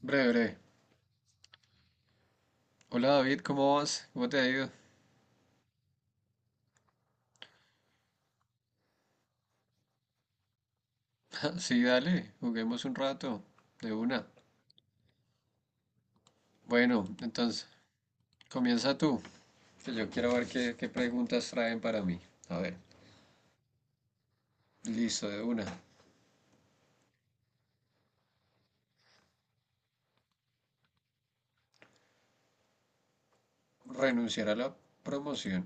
Breve, breve. Hola David, ¿cómo vas? ¿Cómo te ha ido? Sí, dale, juguemos un rato, de una. Bueno, entonces, comienza tú, que yo quiero ver qué preguntas traen para mí. A ver, listo, de una. Renunciar a la promoción.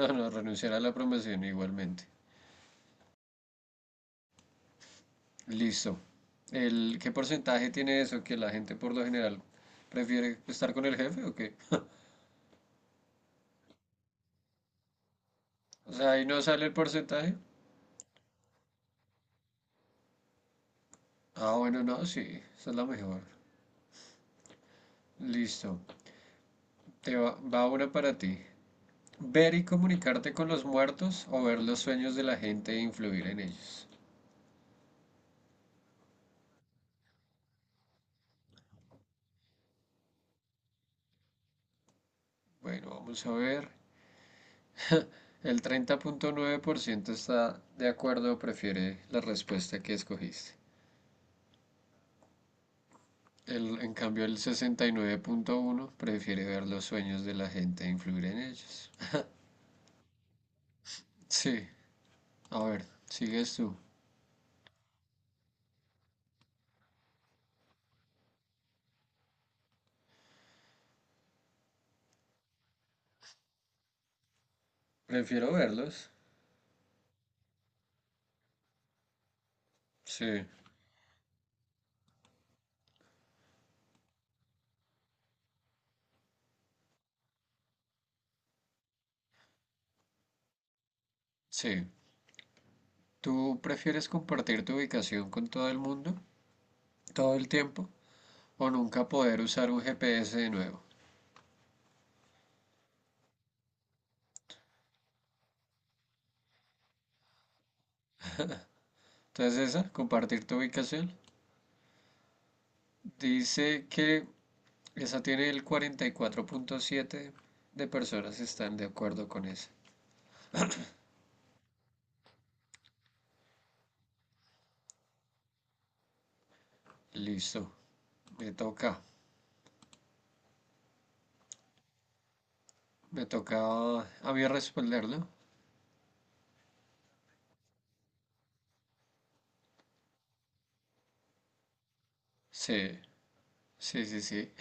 No, no, renunciar a la promoción igualmente. Listo. ¿Qué porcentaje tiene eso? ¿Que la gente por lo general prefiere estar con el jefe o qué? O sea, ahí no sale el porcentaje. Ah, bueno, no, sí, esa es la mejor. Listo. Te va una para ti. Ver y comunicarte con los muertos o ver los sueños de la gente e influir en ellos. Bueno, vamos a ver. El 30.9% está de acuerdo o prefiere la respuesta que escogiste. El, en cambio, el 69.1 prefiere ver los sueños de la gente e influir en ellos. Sí, a ver, sigues tú. Prefiero verlos. Sí, sí. ¿Tú prefieres compartir tu ubicación con todo el mundo todo el tiempo o nunca poder usar un GPS de nuevo? Entonces esa, compartir tu ubicación, dice que esa tiene el 44.7 de personas están de acuerdo con esa. Listo, me toca, me toca a mí responderlo. Sí, sí, sí, sí.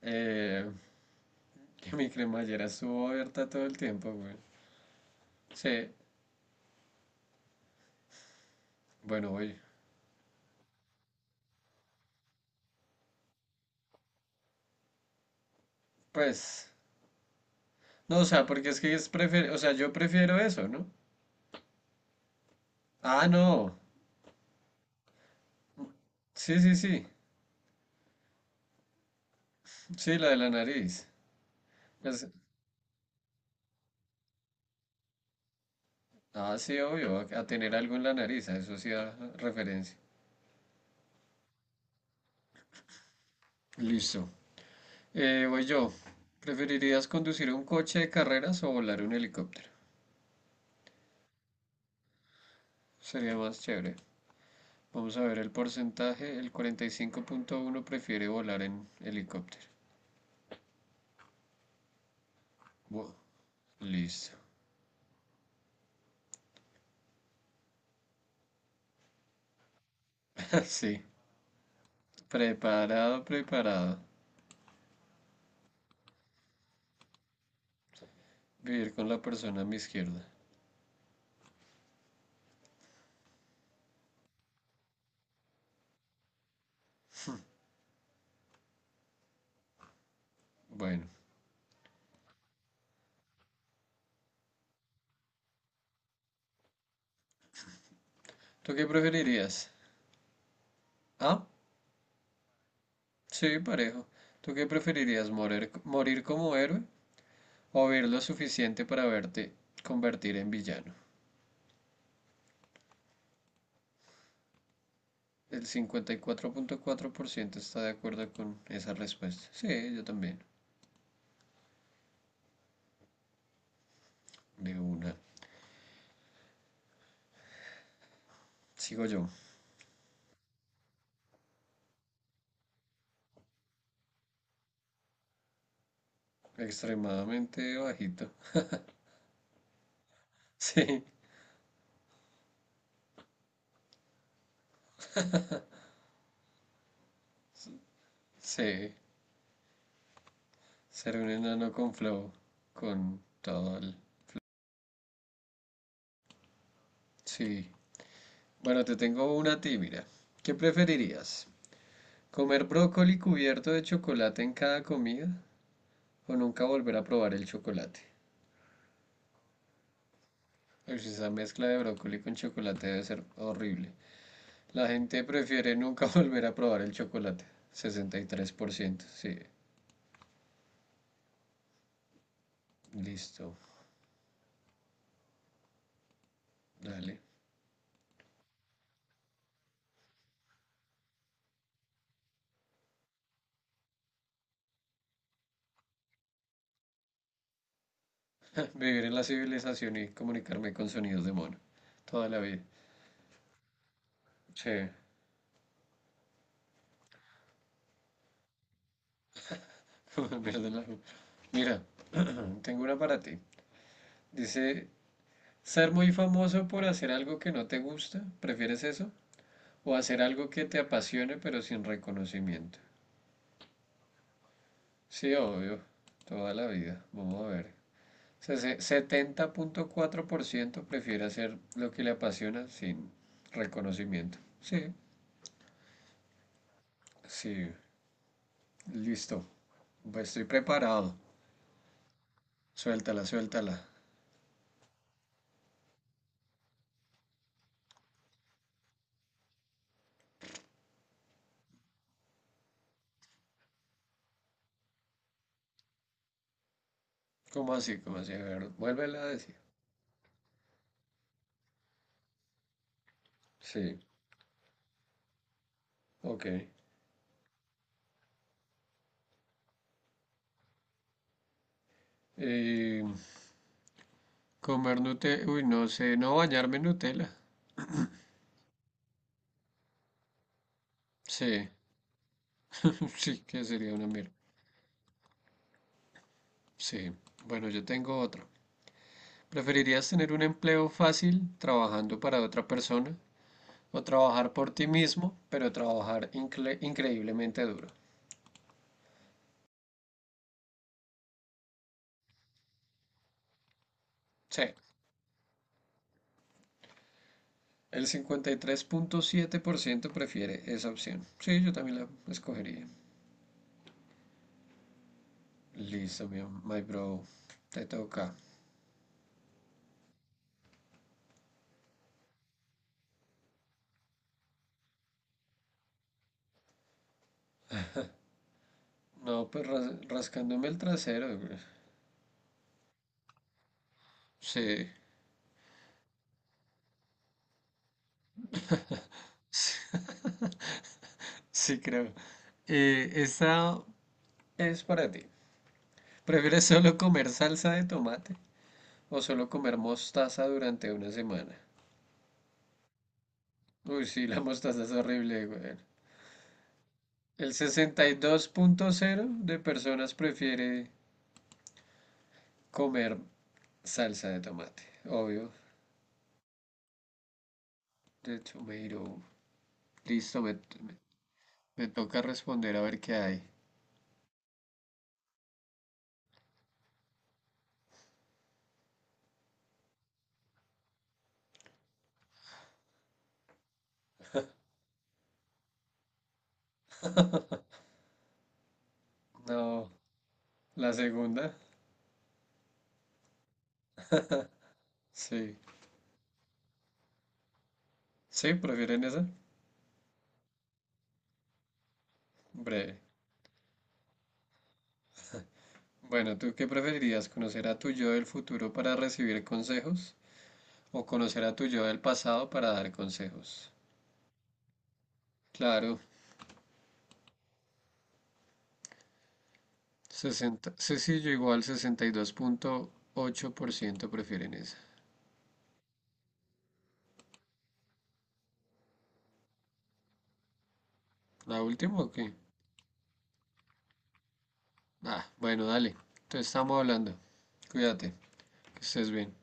Eh, que mi cremallera estuvo abierta todo el tiempo, güey. Sí, bueno, oye, pues, no, o sea, porque es que es o sea, yo prefiero eso, ¿no? Ah, no, sí, sí, sí, sí, la de la nariz. Pues, ah, sí, obvio, a tener algo en la nariz, a eso sí da referencia. Listo. Voy yo. ¿Preferirías conducir un coche de carreras o volar un helicóptero? Sería más chévere. Vamos a ver el porcentaje. El 45.1 prefiere volar en helicóptero. Buah, listo. Sí. Preparado, preparado. Vivir con la persona a mi izquierda. Bueno. ¿Tú qué preferirías? Ah, sí, parejo. ¿Tú qué preferirías? ¿Morir como héroe o ver lo suficiente para verte convertir en villano? El cincuenta y cuatro punto cuatro por ciento está de acuerdo con esa respuesta. Sí, yo también. De una. Sigo yo. Extremadamente bajito. Sí, sí. Ser un enano con flow. Con todo el... Sí. Bueno, te tengo una a ti, mira. ¿Qué preferirías? ¿Comer brócoli cubierto de chocolate en cada comida, o nunca volver a probar el chocolate? Ush, esa mezcla de brócoli con chocolate debe ser horrible. La gente prefiere nunca volver a probar el chocolate. 63%. Sí. Listo. Dale. Vivir en la civilización y comunicarme con sonidos de mono. Toda la vida. Sí. Volver de la- Mira, tengo una para ti. Dice, ¿ser muy famoso por hacer algo que no te gusta, prefieres eso? ¿O hacer algo que te apasione pero sin reconocimiento? Sí, obvio. Toda la vida. Vamos a ver. 70.4% prefiere hacer lo que le apasiona sin reconocimiento. Sí, sí, listo. Pues estoy preparado. Suéltala, suéltala. ¿Cómo así? ¿Cómo así? A ver, vuélvela a decir. Sí, ok. Eh, comer Nutella. Uy, no sé, no bañarme en Nutella. Sí, sí, que sería una mierda. Sí, bueno, yo tengo otro. ¿Preferirías tener un empleo fácil trabajando para otra persona, o trabajar por ti mismo, pero trabajar increíblemente duro? Sí, el 53.7% prefiere esa opción. Sí, yo también la escogería. Listo, mi, my bro. Te toca. No, pues rascándome el trasero, güey. Sí. Sí, creo. Esta es para ti. ¿Prefieres solo comer salsa de tomate o solo comer mostaza durante una semana? Uy, sí, la mostaza es horrible, güey. El 62.0 de personas prefiere comer salsa de tomate. Obvio, de tomato. Listo, me toca responder a ver qué hay. No, la segunda. Sí. Sí, prefieren esa. Breve. Bueno, ¿tú qué preferirías? ¿Conocer a tu yo del futuro para recibir consejos o conocer a tu yo del pasado para dar consejos? Claro, 60, sí, sí, ocho por ciento prefieren esa. ¿La última o qué? Ah, bueno, dale. Entonces estamos hablando. Cuídate, que estés bien.